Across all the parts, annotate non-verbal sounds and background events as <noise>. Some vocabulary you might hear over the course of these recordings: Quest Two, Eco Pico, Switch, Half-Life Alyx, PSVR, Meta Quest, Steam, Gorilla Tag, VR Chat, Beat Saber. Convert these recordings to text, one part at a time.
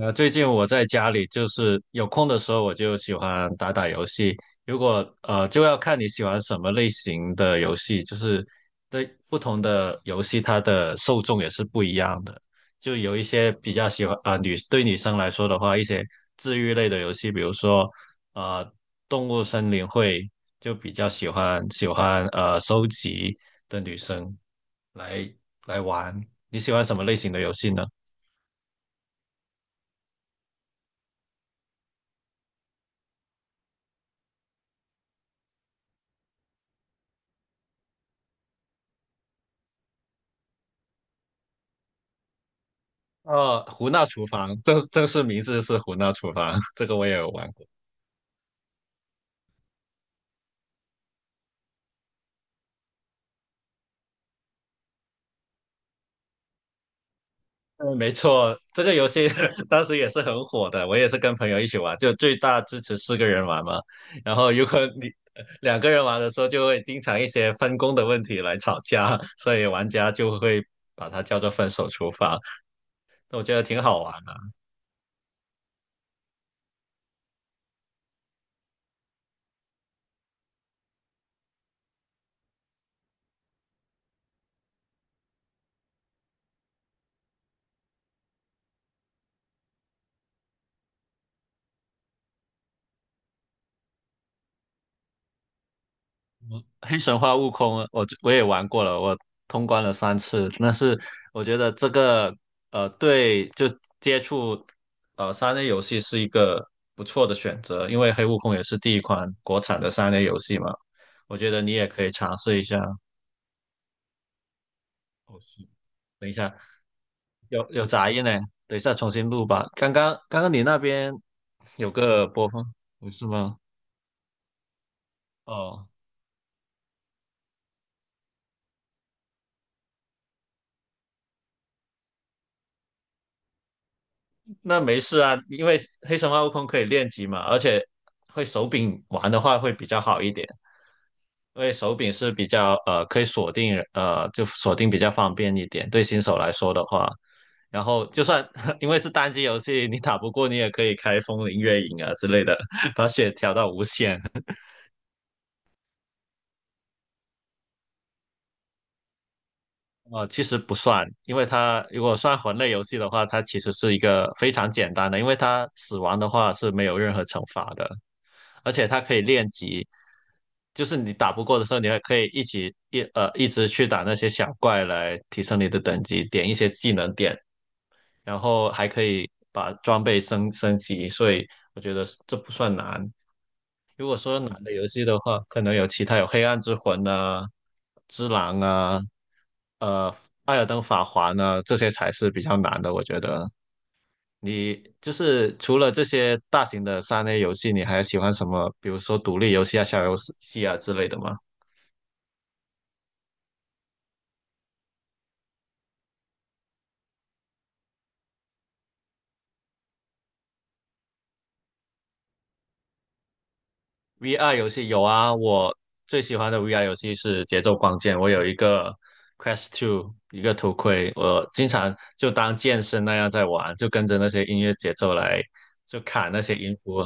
最近我在家里就是有空的时候，我就喜欢打打游戏。如果就要看你喜欢什么类型的游戏，就是对不同的游戏，它的受众也是不一样的。就有一些比较喜欢啊、女生来说的话，一些治愈类的游戏，比如说呃，动物森林会就比较喜欢收集的女生来来玩。你喜欢什么类型的游戏呢？哦，胡闹厨房，正式名字是胡闹厨房，<laughs> 这个我也有玩过。嗯，没错，这个游戏 <laughs> 当时也是很火的，我也是跟朋友一起玩，就最大支持四个人玩嘛。然后如果你两个人玩的时候，就会经常一些分工的问题来吵架，所以玩家就会把它叫做分手厨房。那我觉得挺好玩的。黑神话悟空，我也玩过了，我通关了三次。但是我觉得这个对，就接触三 A 游戏是一个不错的选择，因为黑悟空也是第一款国产的三 A 游戏嘛。我觉得你也可以尝试一下。哦，是。等一下，有杂音呢，等一下重新录吧。刚刚你那边有个播放，不是吗？哦。那没事啊，因为黑神话悟空可以练级嘛，而且会手柄玩的话会比较好一点，因为手柄是比较可以锁定就锁定比较方便一点，对新手来说的话，然后就算 <laughs> 因为是单机游戏，你打不过你也可以开风铃月影啊之类的，<laughs> 把血调到无限。<laughs> 其实不算，因为它如果算魂类游戏的话，它其实是一个非常简单的，因为它死亡的话是没有任何惩罚的。而且它可以练级，就是你打不过的时候，你还可以一起一呃一直去打那些小怪来提升你的等级，点一些技能点，然后还可以把装备升级，所以我觉得这不算难。那游戏的话，可能有其他有黑暗之魂啊、之狼啊、呃艾尔登法环啊，这些才是比较难的，我觉得。你就是除了这些大型的三 A 游戏，你还喜欢什么？比如说独立游戏啊、小游戏啊之类的吗？VR 游戏有啊，我最喜欢的 VR 游戏是《节奏光剑》，我有一个 Quest Two 一个头盔，我经常就当健身那样在玩，就跟着那些音乐节奏来，就砍那些音符。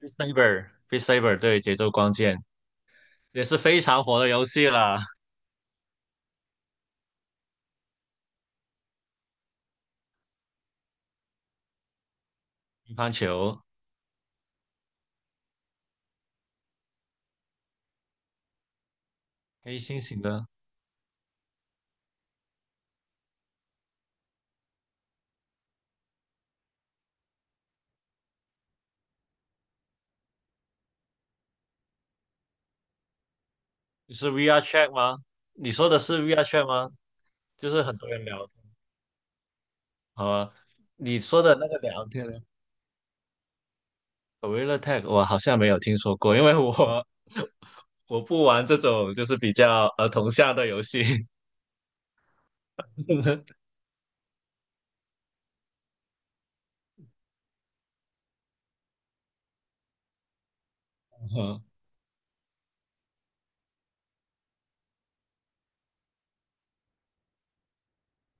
b e a Saber 对，《节奏光剑》也是非常火的游戏了。乒乓球、黑猩猩的。你是 VR Chat 吗？你说的是 VR Chat 吗？就是很多人聊的。好啊。你说的那个聊天的 g r i l l a Tag，我好像没有听说过，因为我 <laughs> 我不玩这种就是比较儿童向的游戏。<laughs> 哦，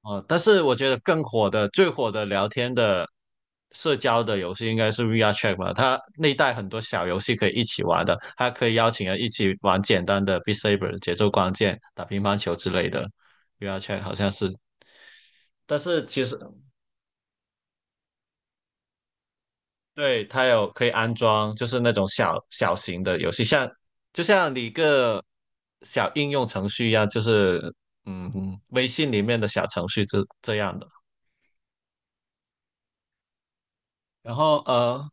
哦，但是我觉得更火的、最火的聊天的社交的游戏应该是 VR Chat 吧，它内带很多小游戏可以一起玩的，它可以邀请人一起玩简单的 Beat Saber、节奏光剑、打乒乓球之类的。VR Chat 好像是。但是其实，对，它有可以安装，就是那种小型的游戏，像就像你一个小应用程序一样，就是嗯，微信里面的小程序这样的。然后呃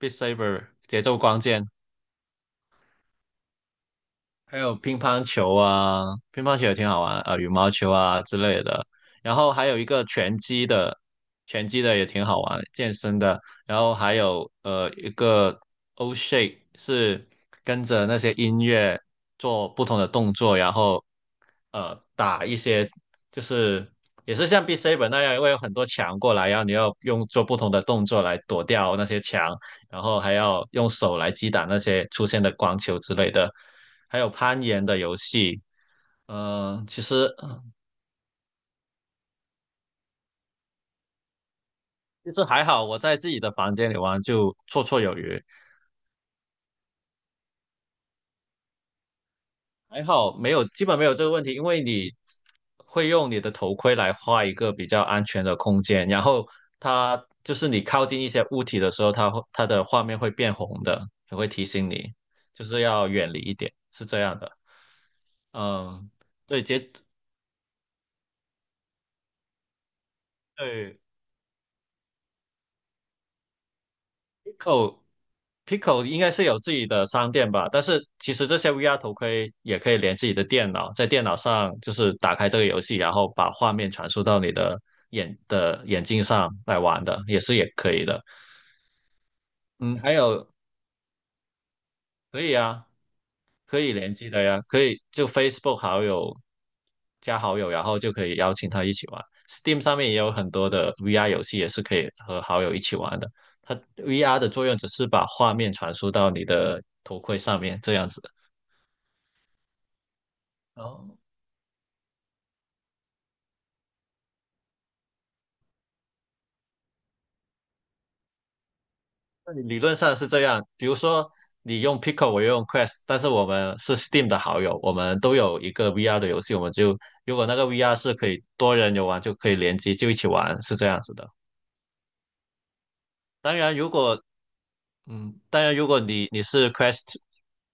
，Beat Saber 节奏光剑。还有乒乓球啊，乒乓球也挺好玩，羽毛球啊之类的。然后还有一个拳击的，拳击的也挺好玩，健身的。然后还有一个 O shape 是跟着那些音乐做不同的动作，然后打一些，就是也是像 b e a s a 那样，会有很多墙过来，然后你要用做不同的动作来躲掉那些墙。然后还要用手来击打那些出现的光球之类的，还有攀岩的游戏。嗯、其实其实还好，我在自己的房间里玩就绰绰有余，还好没有，基本没有这个问题，因为你会用你的头盔来画一个比较安全的空间，然后它就是你靠近一些物体的时候，它会它的画面会变红的，也会提醒你，就是要远离一点，是这样的。嗯，对，对， Eco Pico 应该是有自己的商店吧，但是其实这些 VR 头盔也可以连自己的电脑，在电脑上就是打开这个游戏，然后把画面传输到你的眼镜上来玩的，也是也可以的。嗯，还有可以啊，可以联机的呀，可以就 Facebook 好友加好友，然后就可以邀请他一起玩。Steam 上面也有很多的 VR 游戏，也是可以和好友一起玩的。它 VR 的作用只是把画面传输到你的头盔上面，这样子。哦，那你理论上是这样。比如说，你用 Pico，我用 Quest，但是我们是 Steam 的好友，我们都有一个 VR 的游戏，我们就如果那个 VR 是可以多人游玩，就可以联机，就一起玩，是这样子的。当然，如果你是 Quest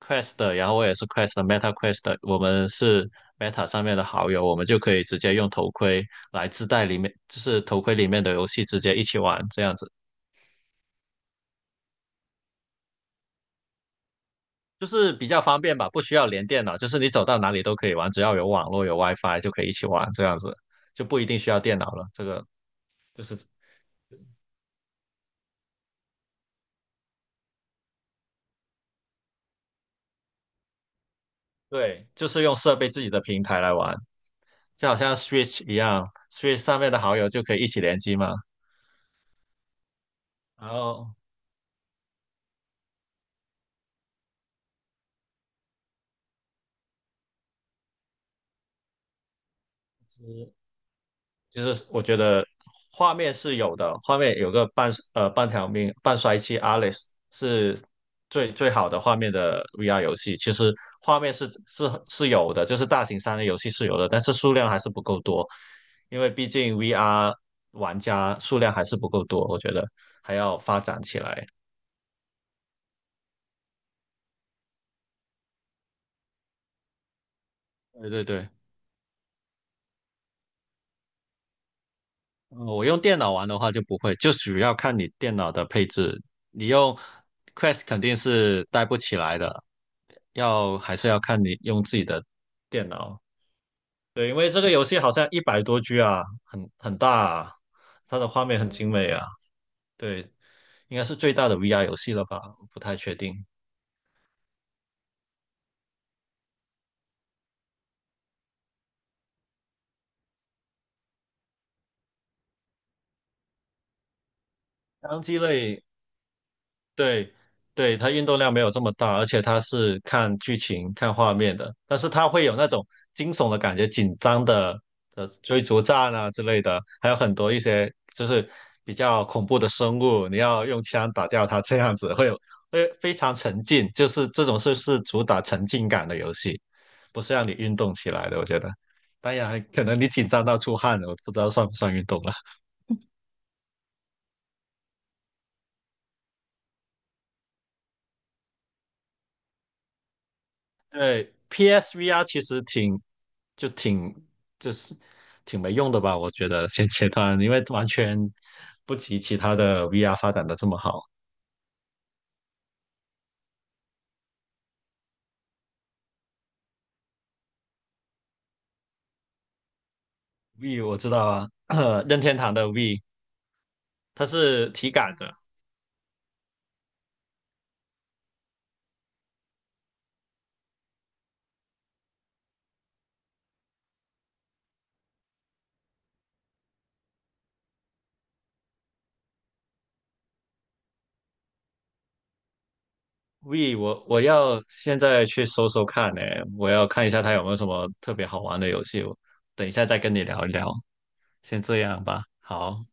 Quest 的，然后我也是 Quest 的 Meta Quest 的，我们是 Meta 上面的好友，我们就可以直接用头盔来自带里面，就是头盔里面的游戏直接一起玩，这样子。就是比较方便吧，不需要连电脑，就是你走到哪里都可以玩，只要有网络有 WiFi 就可以一起玩，这样子就不一定需要电脑了。这个就是，对，就是用设备自己的平台来玩，就好像 Switch 一样，Switch 上面的好友就可以一起联机嘛。然后就是我觉得画面是有的，画面有个半条命、半衰期 Alice 是最好的画面的 VR 游戏。其实画面是有的，就是大型三 A 游戏是有的，但是数量还是不够多，因为毕竟 VR 玩家数量还是不够多，我觉得还要发展起来。对对对。我用电脑玩的话就不会，就主要看你电脑的配置。你用 Quest 肯定是带不起来的，还是要看你用自己的电脑。对，因为这个游戏好像100多 G 啊，很大啊，它的画面很精美啊。对，应该是最大的 VR 游戏了吧？不太确定。单机类，对，对，它运动量没有这么大，而且它是看剧情、看画面的，但是它会有那种惊悚的感觉、紧张的追逐战啊之类的，还有很多一些就是比较恐怖的生物，你要用枪打掉它，这样子会有会非常沉浸，就是这种是主打沉浸感的游戏，不是让你运动起来的，我觉得。当然，可能你紧张到出汗了，我不知道算不算运动了。对，PSVR 其实挺就挺就是挺没用的吧，我觉得现阶段，因为完全不及其他的 VR 发展的这么好。V 我知道啊，<coughs> <clears throat> 任天堂的 V 它是体感的 V，我要现在去搜搜看呢，我要看一下它有没有什么特别好玩的游戏，我等一下再跟你聊一聊，先这样吧，好。